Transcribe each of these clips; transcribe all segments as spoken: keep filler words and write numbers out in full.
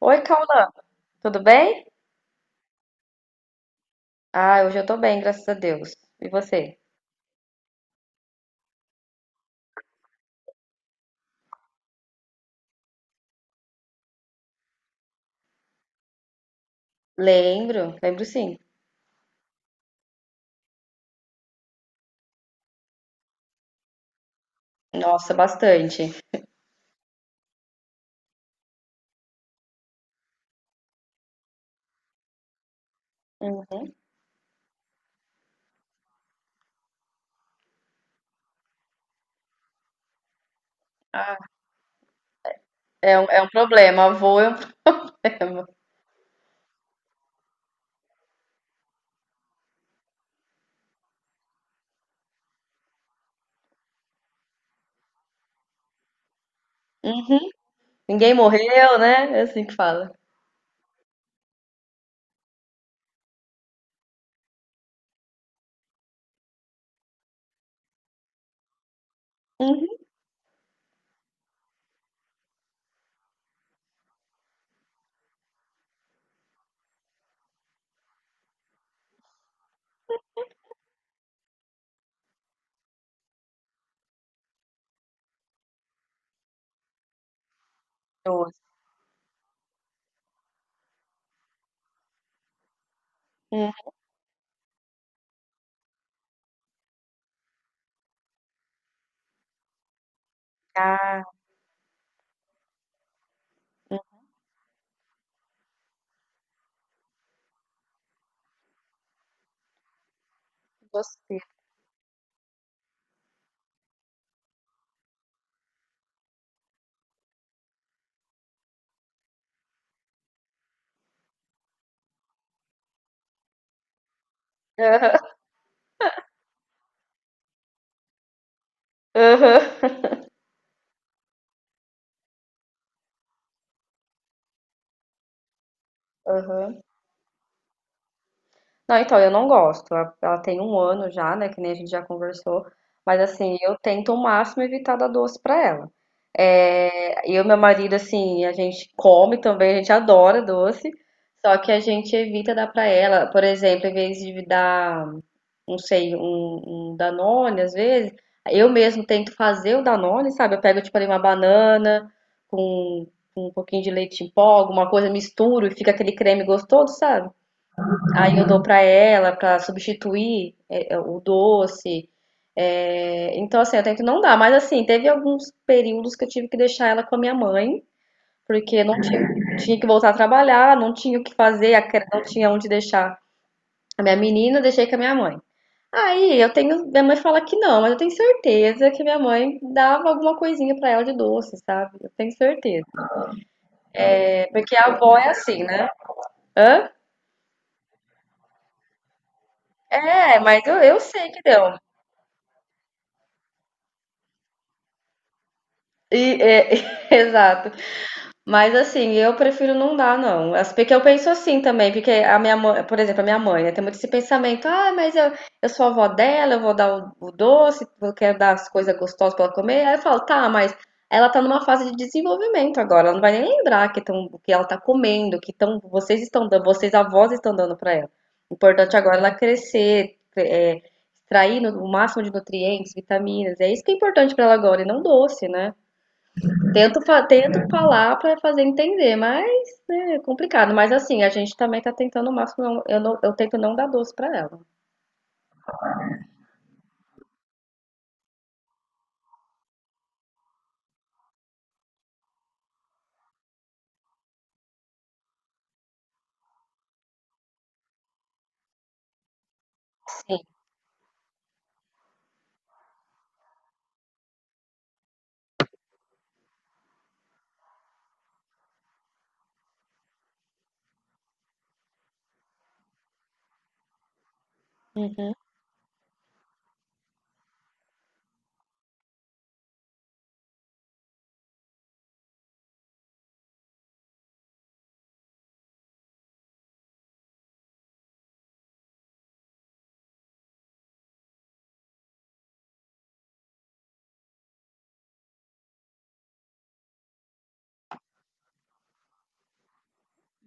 Oi, Cauã, tudo bem? Ah, hoje eu tô bem, graças a Deus. E você? Lembro, lembro sim. Nossa, bastante. Uhum. Ah, é um, é um problema, avô é um problema. Uhum. Ninguém morreu, né? É assim que fala. Uhum. Doce. Uhum. Ah, você. Aham. Aham. Não, então, eu não gosto. Ela ela tem um ano já, né? Que nem a gente já conversou. Mas, assim, eu tento ao máximo evitar dar doce pra ela. É, eu e meu marido, assim, a gente come também, a gente adora doce. Só que a gente evita dar pra ela. Por exemplo, em vez de dar, não sei, um, um Danone, às vezes, eu mesmo tento fazer o Danone, sabe? Eu pego, tipo, ali uma banana com um pouquinho de leite em pó, alguma coisa, misturo e fica aquele creme gostoso, sabe? Aí eu dou pra ela pra substituir é, é, o doce. É, então, assim, eu tenho que não dar. Mas, assim, teve alguns períodos que eu tive que deixar ela com a minha mãe, porque não tinha, tinha que voltar a trabalhar, não tinha o que fazer, a cre- não tinha onde deixar a minha menina, eu deixei com a minha mãe. Aí eu tenho, minha mãe fala que não, mas eu tenho certeza que minha mãe dava alguma coisinha pra ela de doce, sabe? Eu tenho certeza. É, porque a avó é assim, né? Hã? É, mas eu, eu sei que deu. E, é, exato. Mas assim, eu prefiro não dar, não. As- Porque eu penso assim também, porque a minha mãe, por exemplo, a minha mãe, né, tem muito esse pensamento, ah, mas eu, eu sou a avó dela, eu vou dar o, o doce, eu quero dar as coisas gostosas pra ela comer. Aí eu falo, tá, mas ela tá numa fase de desenvolvimento agora, ela não vai nem lembrar que tão, que ela tá comendo, que tão, vocês estão dando, vocês avós estão dando pra ela. O importante agora é ela crescer, é, extrair no- o máximo de nutrientes, vitaminas. É isso que é importante pra ela agora, e não doce, né? Tento, fa- tento falar para fazer entender, mas né, é complicado. Mas assim, a gente também tá tentando o máximo. Não- Eu, não- eu tento não dar doce para ela. Sim. Uhum.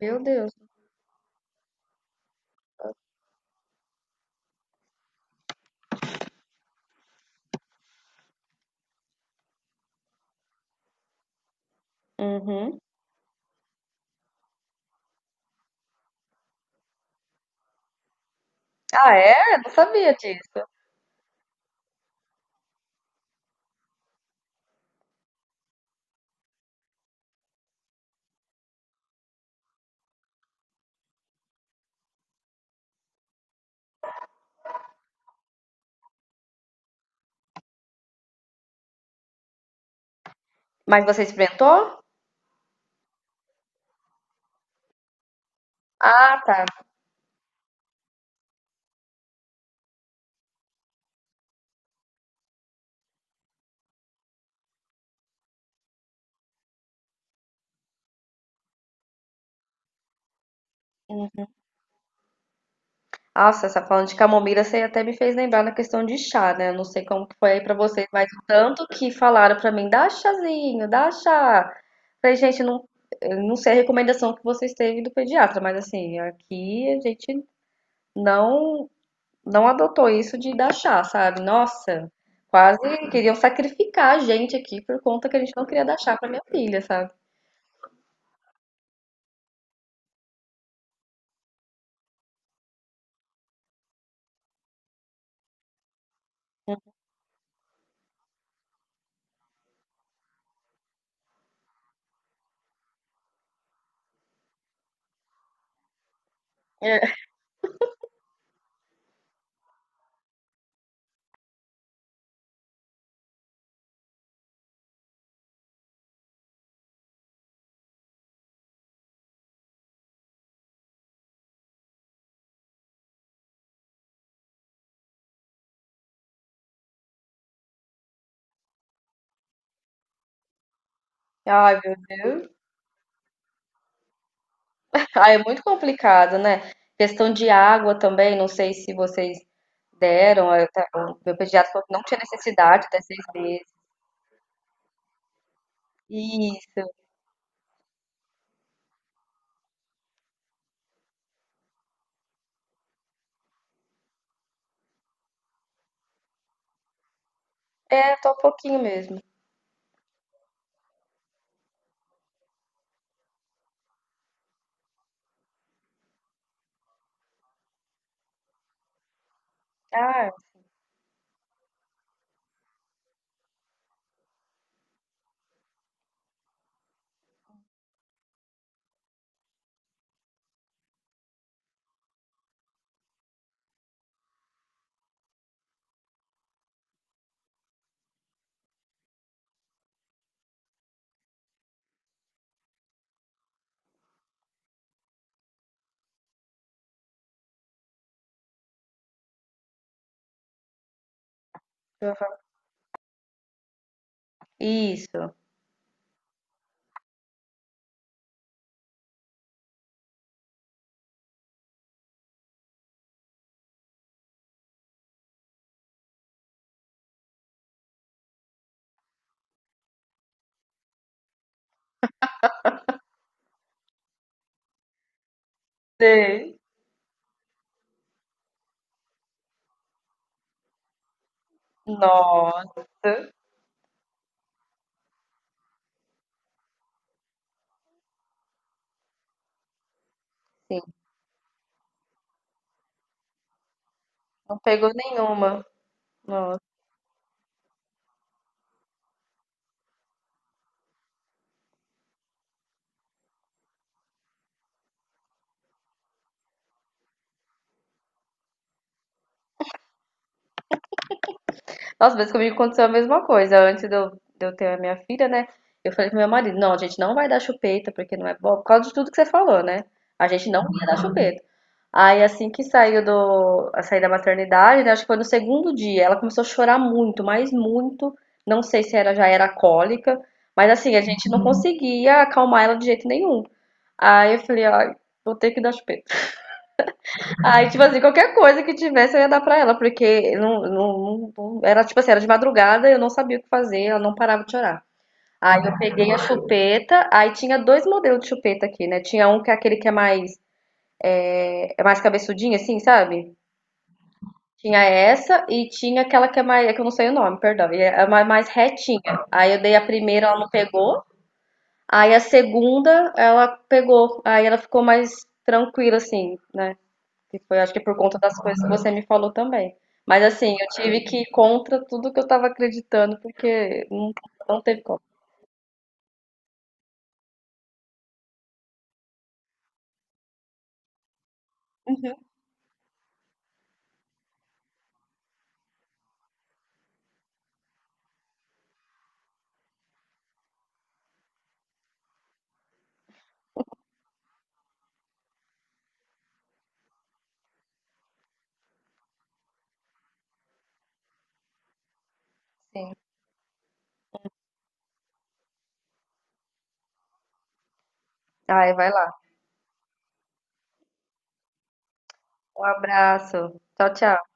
Meu Deus. Uhum. Ah, é? Eu não sabia disso. Mas você experimentou? Ah, tá. Uhum. Nossa, essa falando de camomila, você até me fez lembrar na questão de chá, né? Eu não sei como que foi aí pra vocês, mas o tanto que falaram pra mim, dá chazinho, dá chá. Falei, gente, não, eu não sei a recomendação que vocês teve do pediatra, mas assim, aqui a gente não não adotou isso de dar chá, sabe? Nossa, quase queriam sacrificar a gente aqui por conta que a gente não queria dar chá pra minha filha, sabe? É. Ai, meu Deus. Ai, é muito complicado, né? Questão de água também, não sei se vocês deram, eu ta- o meu pediatra falou que não tinha necessidade até seis meses. Isso. É, só um pouquinho mesmo. Ah, aham. Isso. Sei. Nossa. Sim, não pegou nenhuma. Nossa. Nossa, mas comigo aconteceu a mesma coisa. Antes de eu, de eu ter a minha filha, né? Eu falei pro meu marido, não, a gente não vai dar chupeta, porque não é bom, por causa de tudo que você falou, né? A gente não ia dar chupeta. Aí assim que saiu do, a sair da maternidade, né, acho que foi no segundo dia, ela começou a chorar muito, mas muito. Não sei se era já era cólica, mas assim, a gente não conseguia acalmar ela de jeito nenhum. Aí eu falei, ai, vou ter que dar chupeta. Aí, tipo assim, qualquer coisa que tivesse eu ia dar pra ela, porque não, não, não- era tipo assim, era de madrugada, eu não sabia o que fazer, ela não parava de chorar. Aí eu peguei a chupeta, aí tinha dois modelos de chupeta aqui, né? Tinha um que é aquele que é mais, é mais cabeçudinho, assim, sabe? Tinha essa e tinha aquela que é mais, é que eu não sei o nome, perdão, e é é mais, mais retinha. Aí eu dei a primeira, ela não pegou, aí a segunda ela pegou, aí ela ficou mais tranquila, assim, né? Que foi, acho que por conta das coisas que você me falou também. Mas assim, eu tive que ir contra tudo que eu tava acreditando, porque não, não teve como. Uhum. Sim. Ai, vai lá. Um abraço. Tchau, tchau.